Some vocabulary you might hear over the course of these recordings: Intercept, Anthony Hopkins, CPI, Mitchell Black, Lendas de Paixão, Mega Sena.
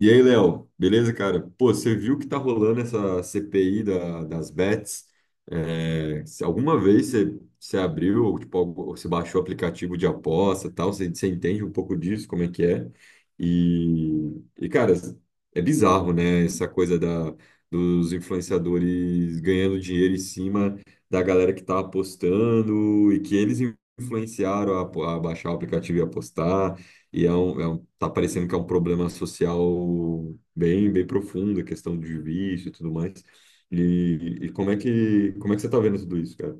E aí, Léo, beleza, cara? Pô, você viu que tá rolando essa das bets? Se alguma vez você, você abriu, ou, tipo, ou você baixou o aplicativo de aposta e tal, você entende um pouco disso, como é que é? Cara, é bizarro, né? Dos influenciadores ganhando dinheiro em cima da galera que tá apostando e que eles influenciaram a, a baixar o aplicativo e apostar. E é, tá parecendo que é um problema social bem profundo, a questão de vício e tudo mais. E como é que você tá vendo tudo isso, cara?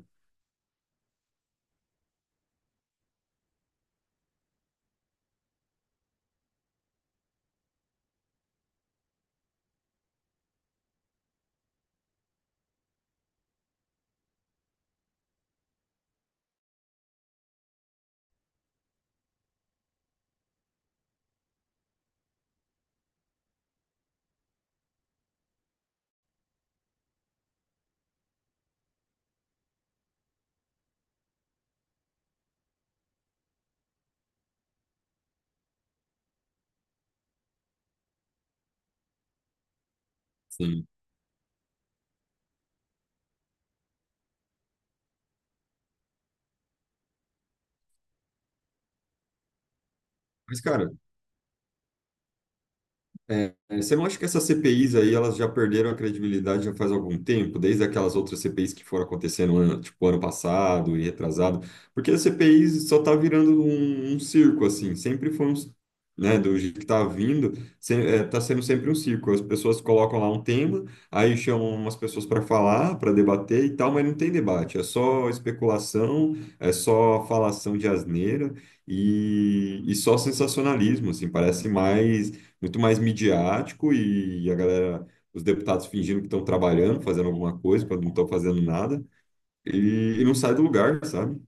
Sim. Mas, cara, é, você não acha que essas CPIs aí, elas já perderam a credibilidade já faz algum tempo, desde aquelas outras CPIs que foram acontecendo, tipo, ano passado e retrasado? Porque as CPIs só tá virando um circo, assim, sempre foi um, né, do jeito que tá vindo, se, é, tá sendo sempre um circo. As pessoas colocam lá um tema, aí chamam umas pessoas para falar, para debater e tal, mas não tem debate, é só especulação, é só falação de asneira e só sensacionalismo, assim, parece mais muito mais midiático e a galera, os deputados fingindo que estão trabalhando, fazendo alguma coisa, quando não estão fazendo nada, e não sai do lugar, sabe?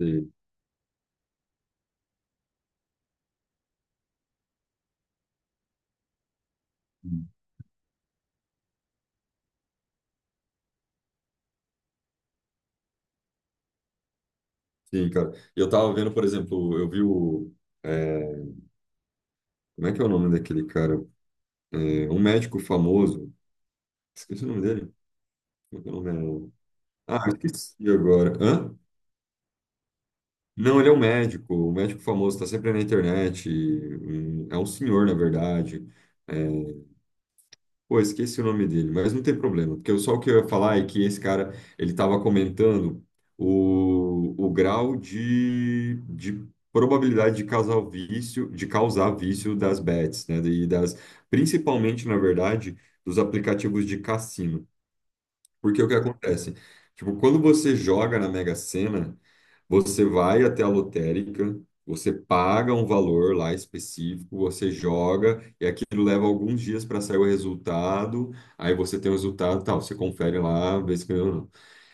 E- sim, cara. Eu tava vendo, por exemplo, eu vi o. é, como é que é o nome daquele cara? É, um médico famoso. Esqueci o nome dele. Como é que é o nome? Ah, esqueci agora. Hã? Não, ele é um médico famoso, está sempre na internet. É um senhor, na verdade. É, Pô, esqueci o nome dele, mas não tem problema, porque só o que eu ia falar é que esse cara, ele estava comentando o grau de probabilidade de causar o vício, de causar vício das bets, né? E das, principalmente, na verdade, dos aplicativos de cassino. Porque o que acontece? Tipo, quando você joga na Mega Sena, você vai até a lotérica, você paga um valor lá específico, você joga, leva alguns dias para sair o resultado, aí você tem o resultado, tal, você confere lá, vê se ganhou ou não.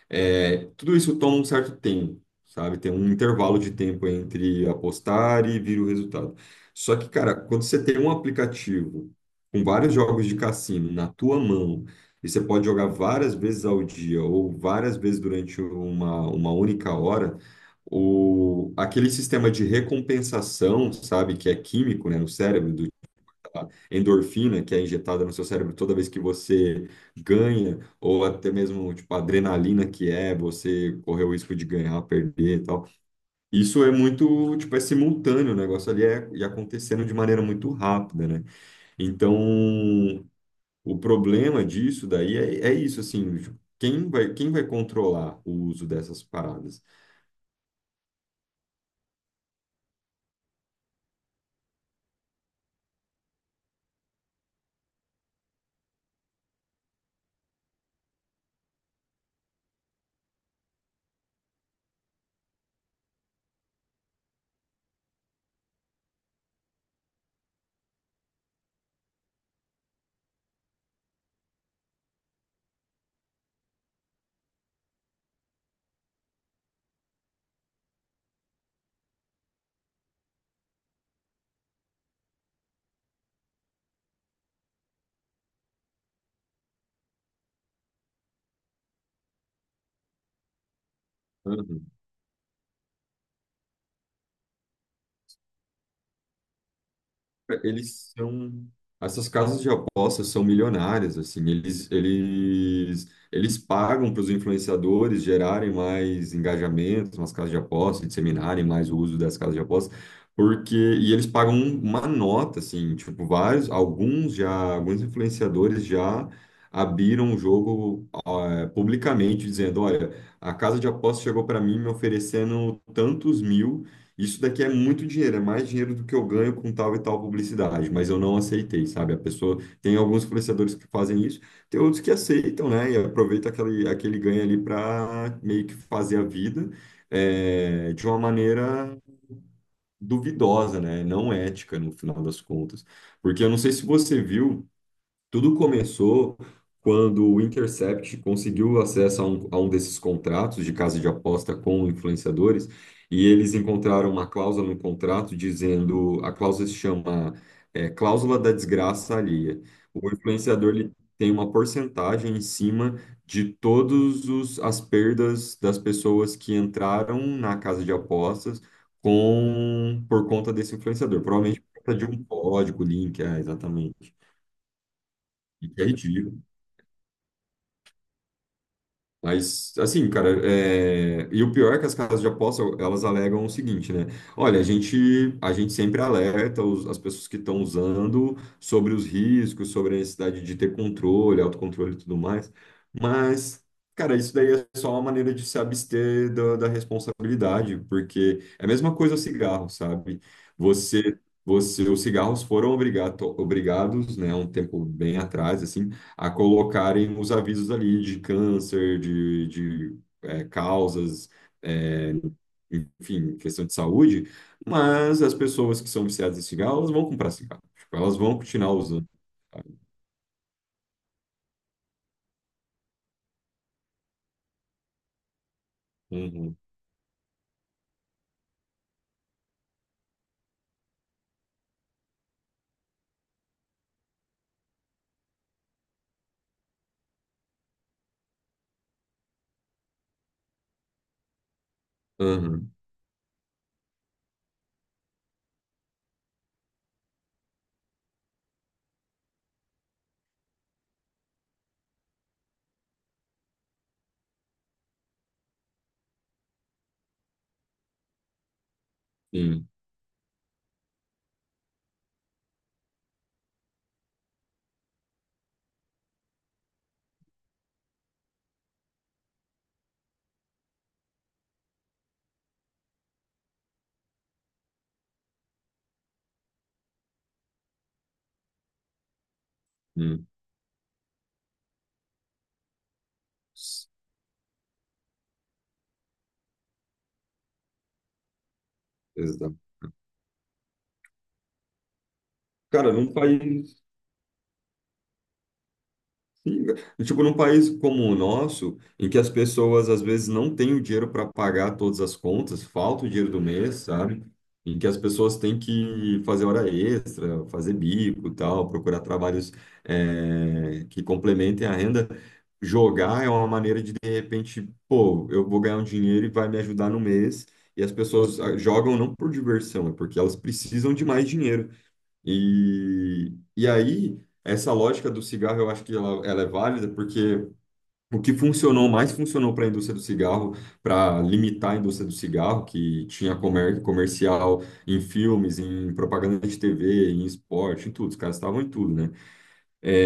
É, tudo isso toma um certo tempo, sabe? Tem um intervalo de tempo entre apostar e vir o resultado. Só que, cara, quando você tem um aplicativo com vários jogos de cassino na tua mão, e você pode jogar várias vezes ao dia ou várias vezes durante uma única hora, aquele sistema de recompensação, sabe, que é químico, né, no cérebro, endorfina que é injetada no seu cérebro toda vez que você ganha, ou até mesmo tipo a adrenalina que é você correr o risco de ganhar, perder e tal. Isso é muito, tipo, é simultâneo, o negócio ali é, e acontecendo de maneira muito rápida, né? Então, o problema disso daí é isso, assim, tipo, quem vai controlar o uso dessas paradas? Eles são. Essas casas de apostas são milionárias, assim, eles pagam para os influenciadores gerarem mais engajamentos nas casas de apostas, disseminarem mais o uso das casas de apostas, porque, e eles pagam uma nota, assim, tipo, alguns influenciadores já abriram o jogo, ah, publicamente, dizendo, olha, a casa de apostas chegou para mim me oferecendo tantos mil, isso daqui é muito dinheiro, é mais dinheiro do que eu ganho com tal e tal publicidade, mas eu não aceitei, sabe? A pessoa, tem alguns influenciadores que fazem isso, tem outros que aceitam, né? E aproveita aquele ganho ali para meio que fazer a vida, é, de uma maneira duvidosa, né? Não ética no final das contas. Porque eu não sei se você viu. Tudo começou quando o Intercept conseguiu acesso a um desses contratos de casa de aposta com influenciadores e eles encontraram uma cláusula no contrato dizendo, a cláusula se chama, é, cláusula da desgraça alheia. O influenciador ele tem uma porcentagem em cima de todos as perdas das pessoas que entraram na casa de apostas com por conta desse influenciador, provavelmente por conta de um código, link, é, exatamente. E que é ridículo. Mas, assim, cara, é... e o pior é que as casas de aposta, elas alegam o seguinte, né? Olha, a gente sempre alerta as pessoas que estão usando sobre os riscos, sobre a necessidade de ter controle, autocontrole e tudo mais. Mas, cara, isso daí é só uma maneira de se abster da responsabilidade, porque é a mesma coisa o cigarro, sabe? Os cigarros foram obrigados, né, há um tempo bem atrás, assim, a colocarem os avisos ali de câncer, causas, é, enfim, questão de saúde, mas as pessoas que são viciadas em cigarro, elas vão comprar cigarro. Tipo, elas vão continuar usando. Sabe? Uhum, uhum, sim, sim. Exato. Cara, não faz. Sim, e, tipo, num país como o nosso, em que as pessoas às vezes não têm o dinheiro para pagar todas as contas, falta o dinheiro do mês, sabe? Em que as pessoas têm que fazer hora extra, fazer bico e tal, procurar trabalhos, eh, que complementem a renda. Jogar é uma maneira de repente, pô, eu vou ganhar um dinheiro e vai me ajudar no mês. E as pessoas ah, jogam não por diversão, é porque elas precisam de mais dinheiro. E aí, essa lógica do cigarro, eu acho que ela é válida, porque o que funcionou, mais funcionou para a indústria do cigarro, para limitar a indústria do cigarro, que tinha comercial em filmes, em propaganda de TV, em esporte, em tudo, os caras estavam em tudo, né?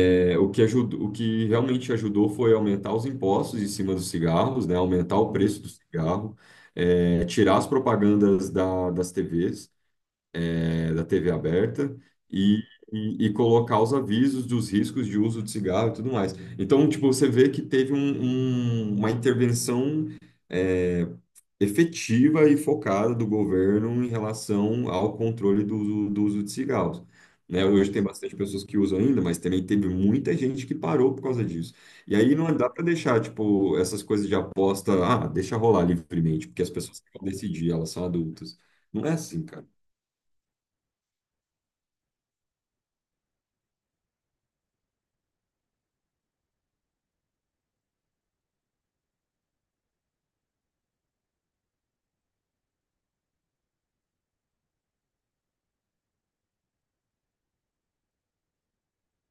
É, o que ajudou, o que realmente ajudou foi aumentar os impostos em cima dos cigarros, né? Aumentar o preço do cigarro, é, tirar as propagandas das TVs, é, da TV aberta e, e colocar os avisos dos riscos de uso de cigarro e tudo mais. Então, tipo, você vê que teve uma intervenção, é, efetiva e focada do governo em relação ao controle do, do uso de cigarros. Né? Hoje tem bastante pessoas que usam ainda, mas também teve muita gente que parou por causa disso. E aí não dá para deixar, tipo, essas coisas de aposta, ah, deixa rolar livremente, porque as pessoas que vão decidir, elas são adultas. Não é assim, cara.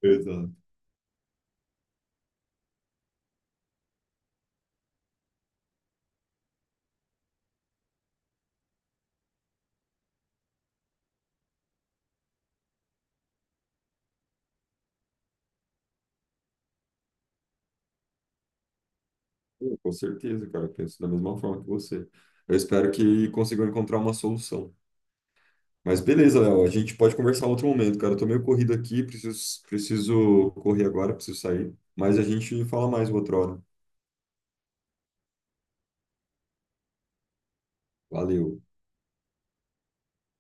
Exato. Pô, com certeza, cara, eu penso da mesma forma que você. Eu espero que consigam encontrar uma solução. Mas beleza, Léo, a gente pode conversar em outro momento, cara. Eu tô meio corrido aqui, preciso correr agora, preciso sair. Mas a gente fala mais outra hora. Valeu.